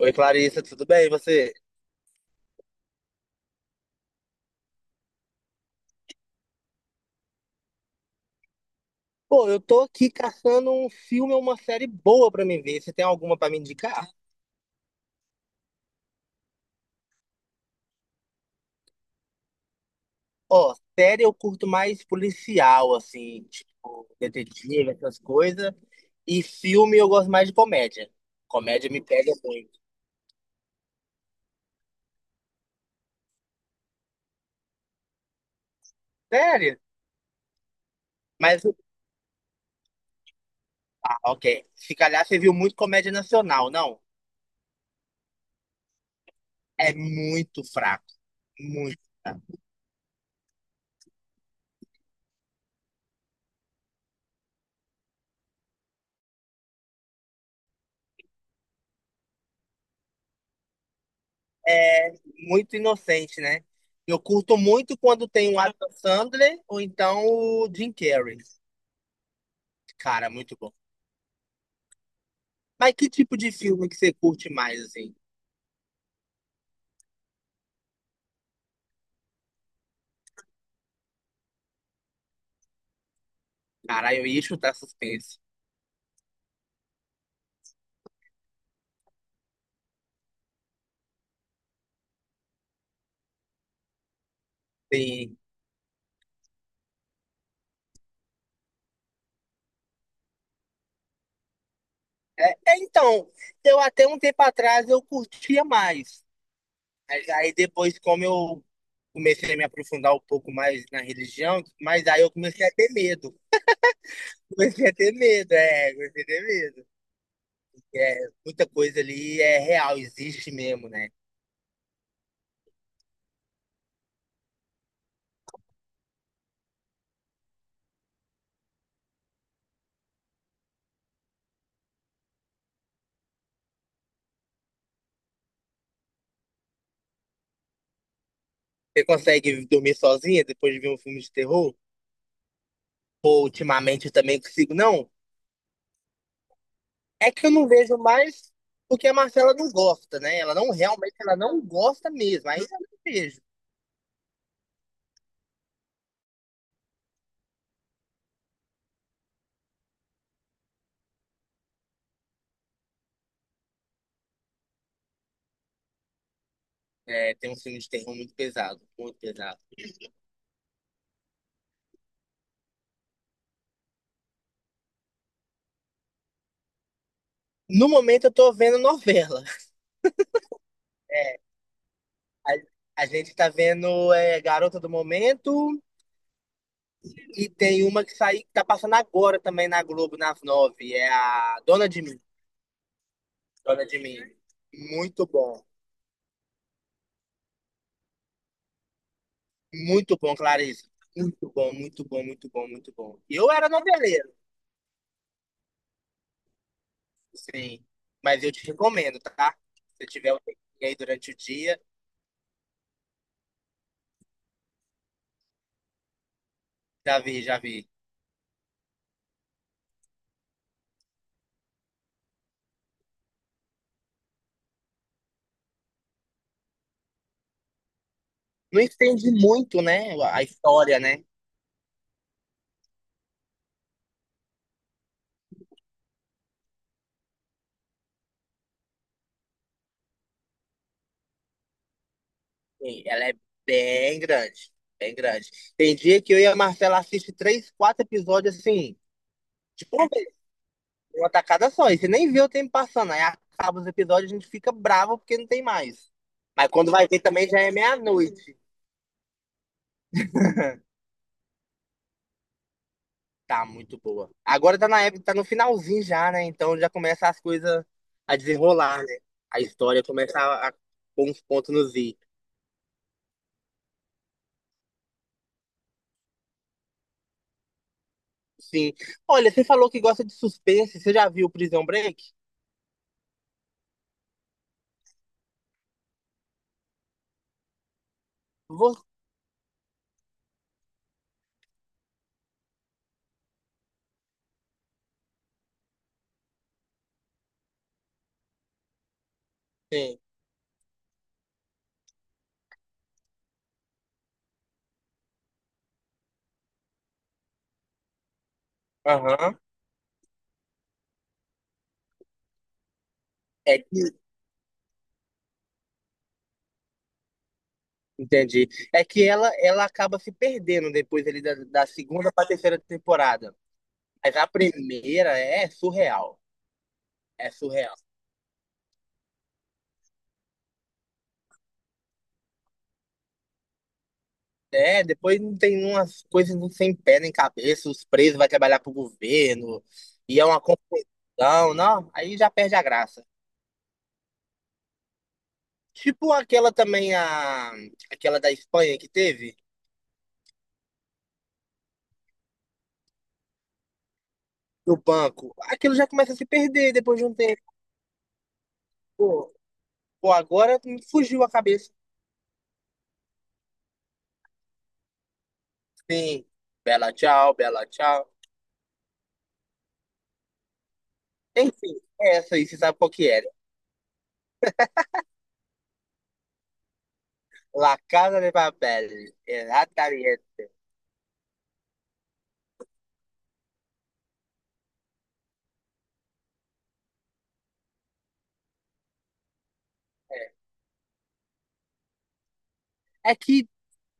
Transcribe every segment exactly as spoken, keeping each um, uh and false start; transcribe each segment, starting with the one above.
Oi, Clarissa, tudo bem? E você? Pô, eu tô aqui caçando um filme ou uma série boa pra me ver. Você tem alguma pra me indicar? Ó, série eu curto mais policial, assim, tipo, detetive, essas coisas. E filme eu gosto mais de comédia. Comédia me pega muito. Sério? Mas, ah, ok. Se calhar você viu muito comédia nacional, não? É muito fraco. Muito. É muito inocente, né? Eu curto muito quando tem o Adam Sandler ou então o Jim Carrey. Cara, muito bom. Mas que tipo de filme que você curte mais, assim? Cara, eu ia chutar suspense. Sim. É, é, então, eu até um tempo atrás eu curtia mais. Mas aí depois, como eu comecei a me aprofundar um pouco mais na religião, mas aí eu comecei a ter medo. Comecei a ter medo, é, comecei a ter medo. É, muita coisa ali é real, existe mesmo, né? Você consegue dormir sozinha depois de ver um filme de terror? Pô, ultimamente eu também consigo. Não, é que eu não vejo mais porque a Marcela não gosta, né? Ela não realmente, ela não gosta mesmo. Aí eu não vejo. É, tem um filme de terror muito pesado, muito pesado. No momento eu tô vendo novela. É, a, a gente tá vendo é, Garota do Momento e tem uma que sai, que tá passando agora também na Globo, nas nove. É a Dona de Mim. Dona de Mim. Muito bom. Muito bom, Clarice. Muito bom, muito bom, muito bom, muito bom. Eu era noveleiro, sim. Mas eu te recomendo, tá? Se tiver um tempinho aí durante o dia, já vi, já vi. Não estende muito, né? A história, né? Sim, ela é bem grande. Bem grande. Tem dia que eu e a Marcela assiste três, quatro episódios assim, de uma vez, uma tacada só. E você nem vê o tempo passando. Aí acaba os episódios, a gente fica bravo porque não tem mais. Mas quando vai ver também já é meia-noite. Tá muito boa. Agora tá na época, tá no finalzinho já, né? Então já começa as coisas a desenrolar, né? A história começa a, a pôr uns pontos nos i. Sim. Olha, você falou que gosta de suspense. Você já viu Prison Break? Você. Aham. É que. Entendi. É que ela, ela acaba se perdendo depois ali da, da segunda pra terceira temporada. Mas a primeira é surreal. É surreal. É, depois não tem umas coisas não sem pé nem cabeça, os presos vai trabalhar pro governo, e é uma confusão, não, aí já perde a graça. Tipo aquela também, a, aquela da Espanha que teve, do banco, aquilo já começa a se perder depois de um tempo. Pô, pô, agora me fugiu a cabeça. Sim, bela tchau, bela tchau. Enfim, é essa aí, você sabe qual que era. La Casa de Papel, exatamente. É é que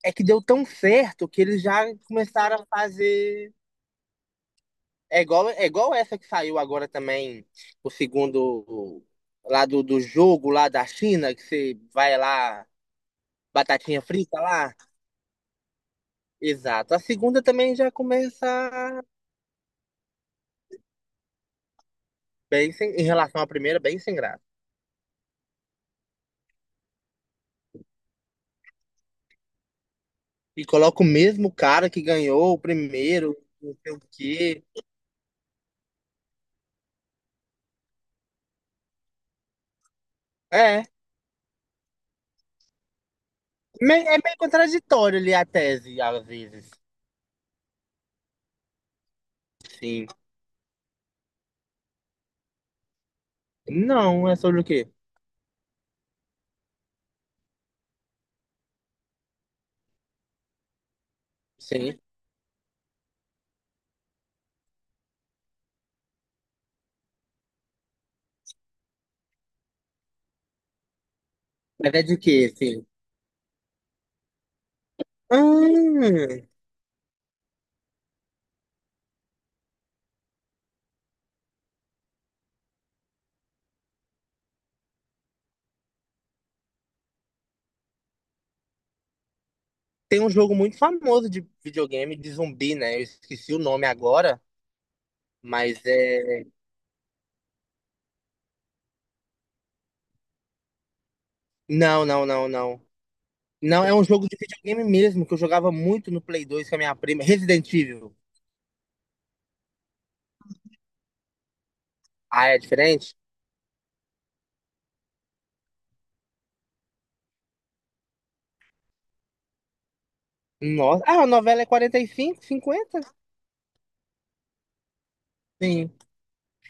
é que deu tão certo que eles já começaram a fazer. É igual, é igual essa que saiu agora também, o segundo lá do, do jogo lá da China, que você vai lá, batatinha frita lá. Exato. A segunda também já começa bem sem, em relação à primeira, bem sem graça. E coloca o mesmo cara que ganhou o primeiro, não sei o quê. É, me- é meio contraditório ali a tese, às vezes. Sim. Não, é sobre o quê? Sim. Mas é de quê, sim? Hum, tem um jogo muito famoso de videogame de zumbi, né? Eu esqueci o nome agora, mas é. Não, não, não, não. Não, é um jogo de videogame mesmo, que eu jogava muito no Play dois com a minha prima. Resident Evil. Ah, é diferente? Nossa. Ah, a novela é quarenta e cinco, cinquenta, sim.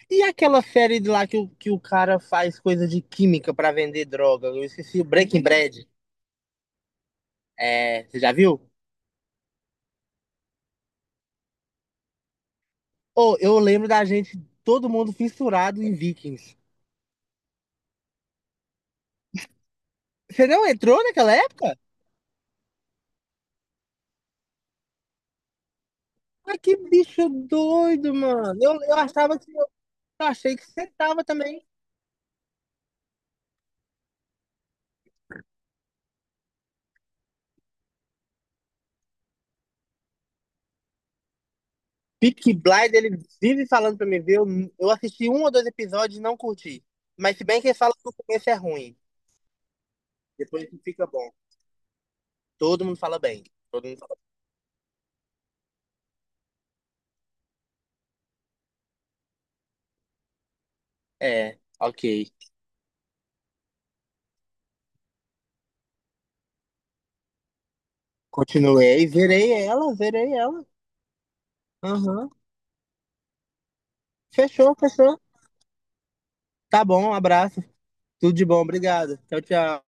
E aquela série de lá que o, que o cara faz coisa de química pra vender droga? Eu esqueci o Breaking Bad. É, você já viu? Oh, eu lembro da gente, todo mundo fissurado em Vikings. Você não entrou naquela época? Ah, que bicho doido, mano. Eu, eu achava que eu, achei que você tava também. Peaky Blind, ele vive falando pra mim ver. Eu, eu assisti um ou dois episódios e não curti. Mas se bem que ele fala que o começo é ruim, depois que fica bom. Todo mundo fala bem. Todo mundo fala... É, ok. Continuei, verei ela, verei ela. Aham. Fechou, fechou. Tá bom, um abraço. Tudo de bom, obrigado. Tchau, tchau.